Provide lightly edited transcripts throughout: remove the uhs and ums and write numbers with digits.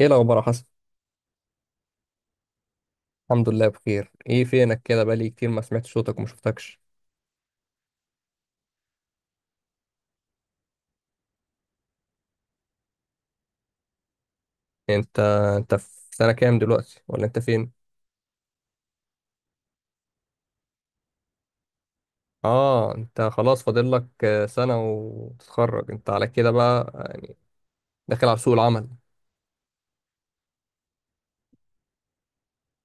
ايه الاخبار يا حسن؟ الحمد لله، بخير. ايه فينك كده؟ بقالي كتير ما سمعت صوتك وما شفتكش. انت انت في سنة كام دلوقتي، ولا انت فين؟ اه، انت خلاص فاضل لك سنة وتتخرج، انت على كده بقى. آه، داخل على سوق العمل.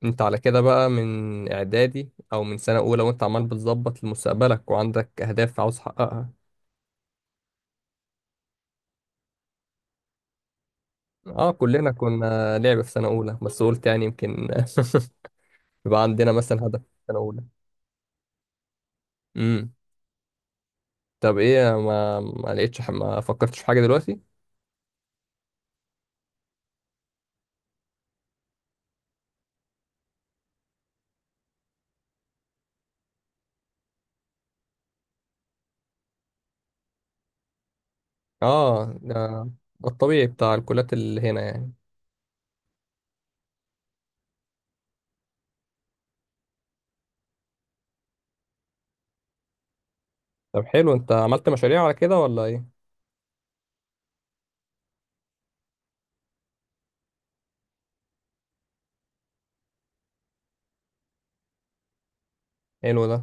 انت على كده بقى من اعدادي او من سنة اولى، وانت عمال بتظبط لمستقبلك وعندك اهداف عاوز تحققها؟ اه، كلنا كنا لعبة في سنة اولى، بس قلت يعني يمكن. يبقى عندنا مثلا هدف في سنة اولى؟ امم. طب ايه، ما لقيتش؟ ما فكرتش في حاجة دلوقتي؟ اه، ده الطبيعي بتاع الكليات اللي هنا يعني. طب حلو، انت عملت مشاريع على كده ولا ايه؟ حلو ده.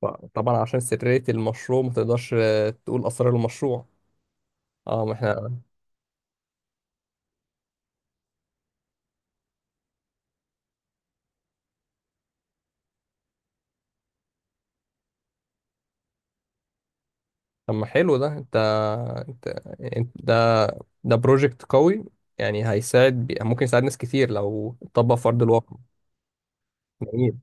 طبعا عشان سرية المشروع ما تقدرش تقول اسرار المشروع. اه، ما احنا. طب ما حلو ده. انت, انت... ده ده بروجكت قوي. يعني هيساعد ممكن يساعد ناس كتير لو اتطبق في ارض الواقع. جميل.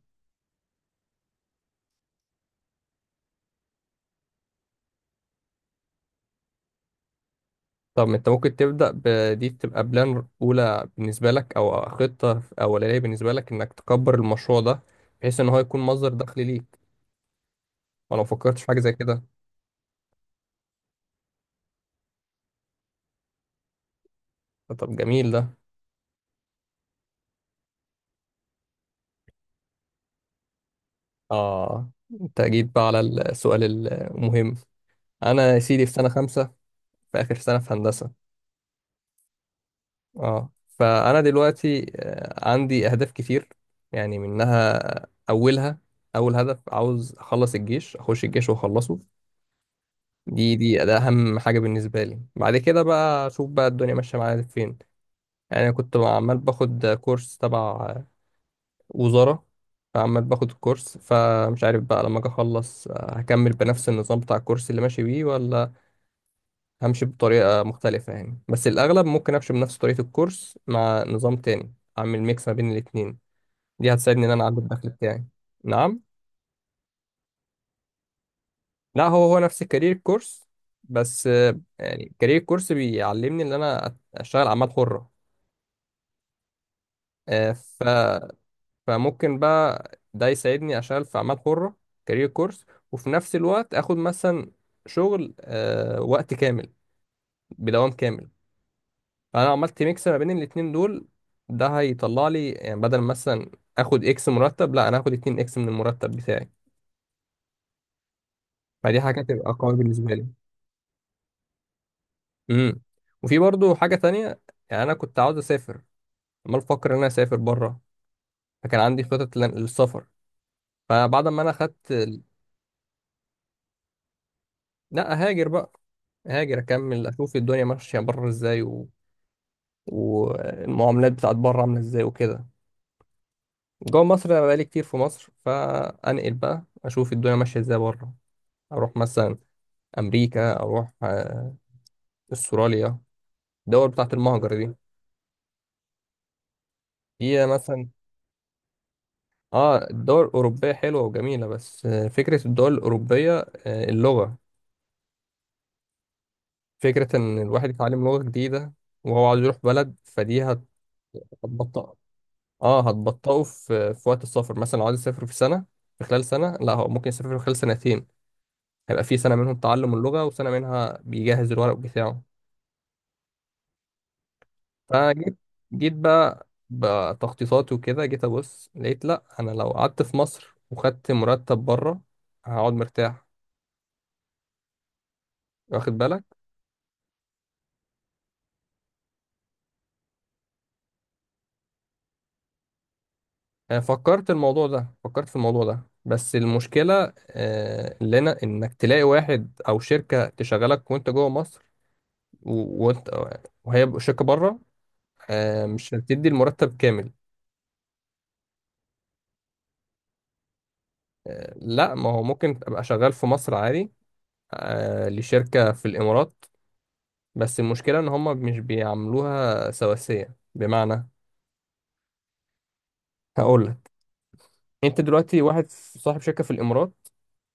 طب انت ممكن تبدأ بدي تبقى بلان اولى بالنسبة لك، او خطة اولانية بالنسبة لك، انك تكبر المشروع ده بحيث ان هو يكون مصدر دخل ليك؟ وانا ما فكرتش في حاجه زي كده؟ طب جميل ده. اه، انت جيت بقى على السؤال. المهم، انا يا سيدي في سنه 5. في اخر سنه في هندسه. اه، فانا دلوقتي عندي اهداف كتير. يعني منها، اولها، اول هدف عاوز اخلص الجيش، اخش الجيش واخلصه. دي دي ده اهم حاجه بالنسبه لي. بعد كده بقى اشوف بقى الدنيا ماشيه معايا فين. يعني أنا كنت عمال باخد كورس تبع وزارة. فعمال باخد الكورس، فمش عارف بقى لما اجي اخلص هكمل بنفس النظام بتاع الكورس اللي ماشي بيه، ولا همشي بطريقة مختلفة يعني. بس الأغلب ممكن أمشي بنفس طريقة الكورس مع نظام تاني، أعمل ميكس ما بين الاتنين. دي هتساعدني إن أنا أعلي الدخل بتاعي. نعم. لا، هو هو نفس الكارير كورس. بس يعني كارير كورس بيعلمني إن أنا أشتغل أعمال حرة. فممكن بقى ده يساعدني اشتغل في اعمال حرة. كارير كورس. وفي نفس الوقت اخد مثلا شغل وقت كامل، بدوام كامل. فانا عملت ميكس ما بين الاتنين دول. ده هيطلع لي يعني، بدل مثلا اخد اكس مرتب، لا انا هاخد 2 اكس من المرتب بتاعي. فدي حاجة تبقى قوية بالنسبة لي. امم. وفي برضو حاجة تانية. يعني انا كنت عاوز اسافر، عمال بفكر ان انا اسافر بره. فكان عندي خطط للسفر. فبعد ما انا خدت، لا، هاجر بقى. هاجر اكمل، اشوف الدنيا ماشيه بره ازاي، و... والمعاملات بتاعت بره عامله ازاي وكده. جوه مصر انا بقالي كتير في مصر، فانقل بقى اشوف الدنيا ماشيه ازاي بره. اروح مثلا امريكا، اروح استراليا، الدول بتاعت المهجر دي. هي مثلا، اه، الدول الاوروبيه حلوه وجميله، بس فكره الدول الاوروبيه، اللغه، فكره ان الواحد يتعلم لغه جديده وهو عايز يروح بلد، فدي هتبطئ. اه، هتبطئه في وقت السفر، مثلا لو عايز يسافر في سنه، في خلال سنه، لا هو ممكن يسافر في خلال سنتين. هيبقى في سنه منهم تعلم اللغه، وسنه منها بيجهز الورق بتاعه. فجيت، جيت بقى بتخطيطاتي وكده، جيت ابص لقيت لا، انا لو قعدت في مصر وخدت مرتب بره هقعد مرتاح. واخد بالك؟ فكرت الموضوع ده، فكرت في الموضوع ده، بس المشكله اللي انا، انك تلاقي واحد او شركه تشغلك وانت جوه مصر، وانت وهي شركه بره، مش هتدي المرتب كامل. لا، ما هو ممكن ابقى شغال في مصر عادي، لشركة في الامارات. بس المشكلة ان هم مش بيعملوها سواسية، بمعنى هقول لك. انت دلوقتي واحد صاحب شركة في الامارات،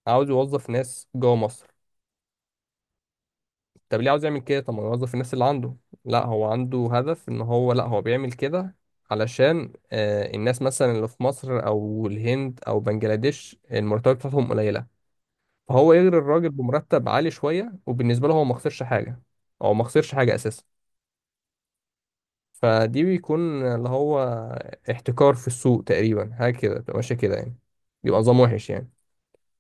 عاوز يوظف ناس جوه مصر. طب ليه عاوز يعمل كده؟ طب ما يوظف الناس اللي عنده. لا هو عنده هدف، ان هو، لا هو بيعمل كده علشان الناس مثلا اللي في مصر او الهند او بنجلاديش، المرتبات بتاعتهم قليلة. فهو يغري الراجل بمرتب عالي شوية، وبالنسبة له هو ما خسرش حاجة، أو ما خسرش حاجة أساسا. فدي بيكون اللي هو احتكار في السوق تقريبا، حاجة كده بتبقى ماشية كده يعني. بيبقى نظام وحش يعني.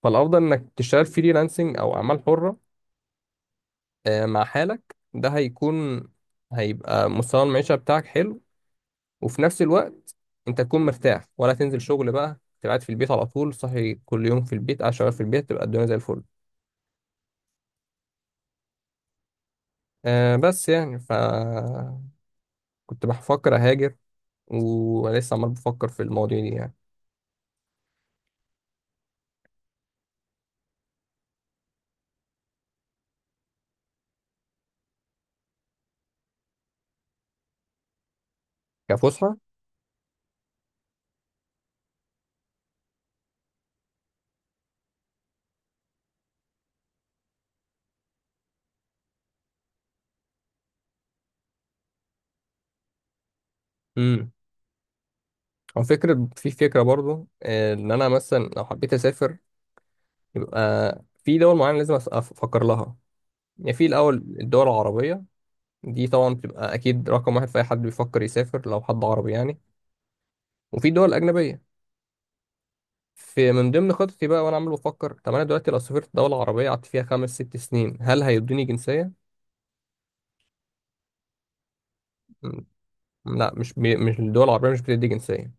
فالأفضل إنك تشتغل فريلانسنج أو أعمال حرة. مع حالك ده هيكون، هيبقى مستوى المعيشة بتاعك حلو. وفي نفس الوقت أنت تكون مرتاح، ولا تنزل شغل بقى. تبقى قاعد في البيت على طول، صحي كل يوم في البيت قاعد شغال في البيت، تبقى الدنيا زي الفل. بس يعني ف، كنت بفكر أهاجر، وانا لسه عمال بفكر في المواضيع دي يعني، كفسحه. امم. هو فكره، في فكره برضو، ان انا مثلا لو حبيت اسافر، يبقى في دول معينه لازم افكر لها. يعني في الاول الدول العربيه، دي طبعا بتبقى اكيد رقم واحد في اي حد بيفكر يسافر، لو حد عربي يعني. وفي دول اجنبيه. في من ضمن خططي بقى وانا عمال بفكر، طب انا دلوقتي لو سافرت دوله عربيه، قعدت فيها خمس ست سنين، هل هيدوني جنسيه؟ مم، لا، مش الدول العربيه مش بتدي جنسيه.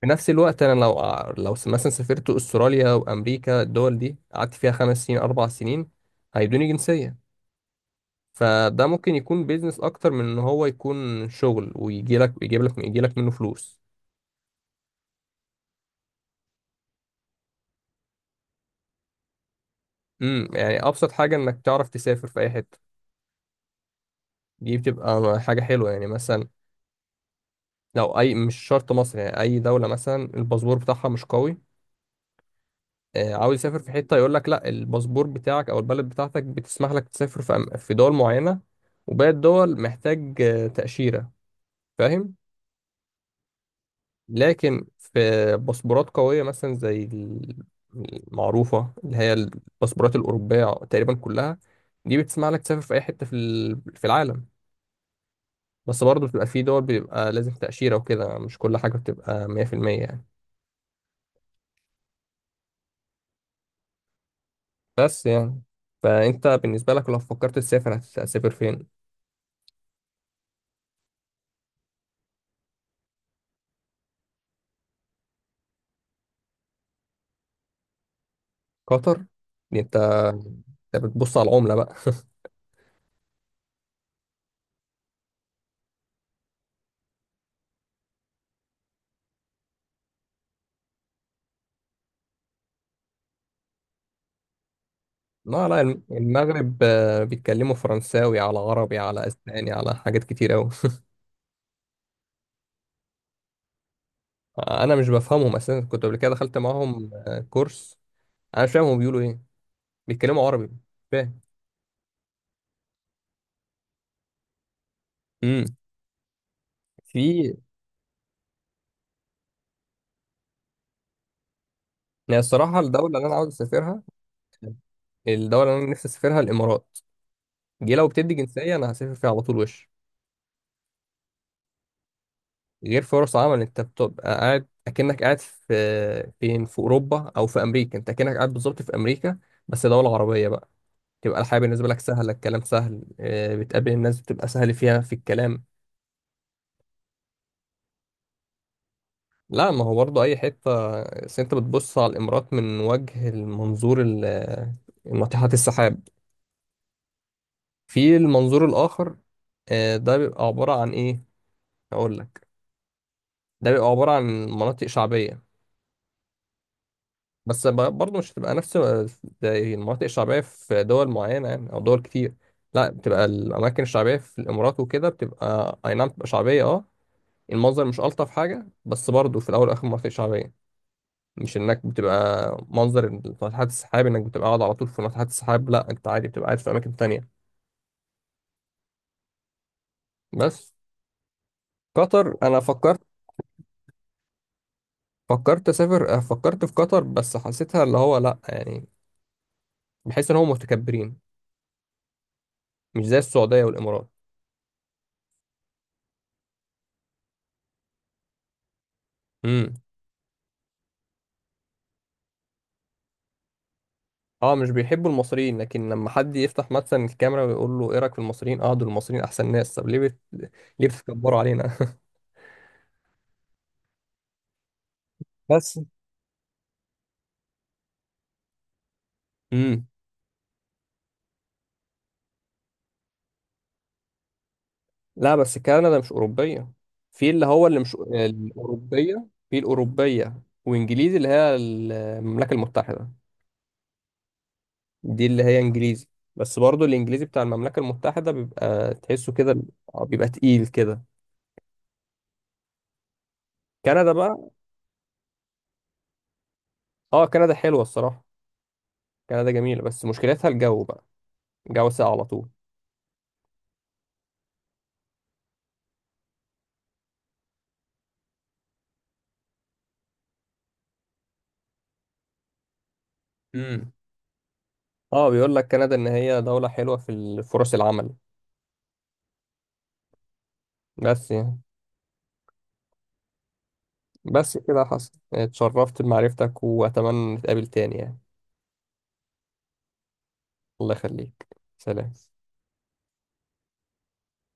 في نفس الوقت انا لو، مثلا سافرت استراليا وامريكا، الدول دي قعدت فيها 5 سنين، 4 سنين، هيدوني جنسيه. فده ممكن يكون بيزنس اكتر من ان هو يكون شغل، ويجي لك يجيب لك يجي لك منه فلوس. امم. يعني ابسط حاجه انك تعرف تسافر في اي حته. دي بتبقى حاجه حلوه، يعني مثلا لو اي، مش شرط مصر يعني، اي دوله مثلا الباسبور بتاعها مش قوي، عاوز يسافر في حته، يقول لك لا، الباسبور بتاعك او البلد بتاعتك بتسمح لك تسافر في في دول معينه، وباقي الدول محتاج تاشيره. فاهم؟ لكن في باسبورات قويه مثلا زي المعروفه اللي هي الباسبورات الاوروبيه تقريبا كلها. دي بتسمح لك تسافر في اي حته في العالم. بس برضه بتبقى في دول بيبقى لازم تاشيره وكده، مش كل حاجه بتبقى 100% يعني. بس يعني، فانت بالنسبه لك لو فكرت تسافر هتسافر فين؟ قطر؟ دي انت، انت بتبص على العملة بقى؟ لا، لا، المغرب بيتكلموا فرنساوي على عربي على اسباني على حاجات كتير قوي. انا مش بفهمهم اساسا، كنت قبل كده دخلت معاهم كورس. انا مش فاهم هم بيقولوا ايه، بيتكلموا عربي مش فاهم. امم. في، يعني الصراحة الدولة اللي انا عاوز اسافرها، الدولة اللي انا نفسي اسافرها الامارات. دي لو بتدي جنسية، انا هسافر فيها على طول وش. غير فرص عمل، انت بتبقى قاعد اكنك قاعد في فين، في اوروبا او في امريكا، انت اكنك قاعد بالظبط في امريكا، بس دولة عربية بقى. تبقى الحياة بالنسبة لك سهلة، الكلام سهل، بتقابل الناس بتبقى سهل فيها في الكلام. لا، ما هو برضه اي حتة، بس انت بتبص على الامارات من وجه المنظور ناطحات السحاب. في المنظور الاخر، ده بيبقى عبارة عن ايه؟ اقول لك، ده بيبقى عبارة عن مناطق شعبية. بس برضه مش هتبقى نفس زي المناطق الشعبية في دول معينة يعني أو دول كتير. لا، بتبقى الأماكن الشعبية في الإمارات وكده بتبقى أي نعم، بتبقى شعبية أه. المنظر مش ألطف حاجة، بس برضه في الأول والآخر مناطق شعبية. مش إنك بتبقى منظر ناطحات السحاب إنك بتبقى قاعد على طول في ناطحات السحاب، لا أنت عادي بتبقى قاعد في أماكن تانية. بس قطر أنا فكرت، فكرت أسافر، فكرت في قطر، بس حسيتها اللي هو لا يعني، بحس إن هم متكبرين، مش زي السعودية والإمارات. امم. اه، مش بيحبوا المصريين، لكن لما حد يفتح مثلا الكاميرا ويقول له ايه رايك في المصريين؟ اه، دول المصريين احسن ناس. طب ليه ليه بتكبروا علينا؟ بس. امم. لا، بس كندا مش اوروبيه. في اللي هو اللي مش الاوروبيه، في الاوروبيه وانجليزي اللي هي المملكه المتحده، دي اللي هي انجليزي. بس برضو الانجليزي بتاع المملكه المتحده بيبقى تحسه كده، بيبقى تقيل كده. كندا بقى، اه كندا حلوه الصراحه. كندا جميله، بس مشكلتها الجو بقى، جو ساقع على طول. مم. اه، بيقول لك كندا ان هي دولة حلوة فرص العمل. بس يعني، بس كده حصل، اتشرفت بمعرفتك واتمنى نتقابل تاني يعني. الله يخليك. سلام.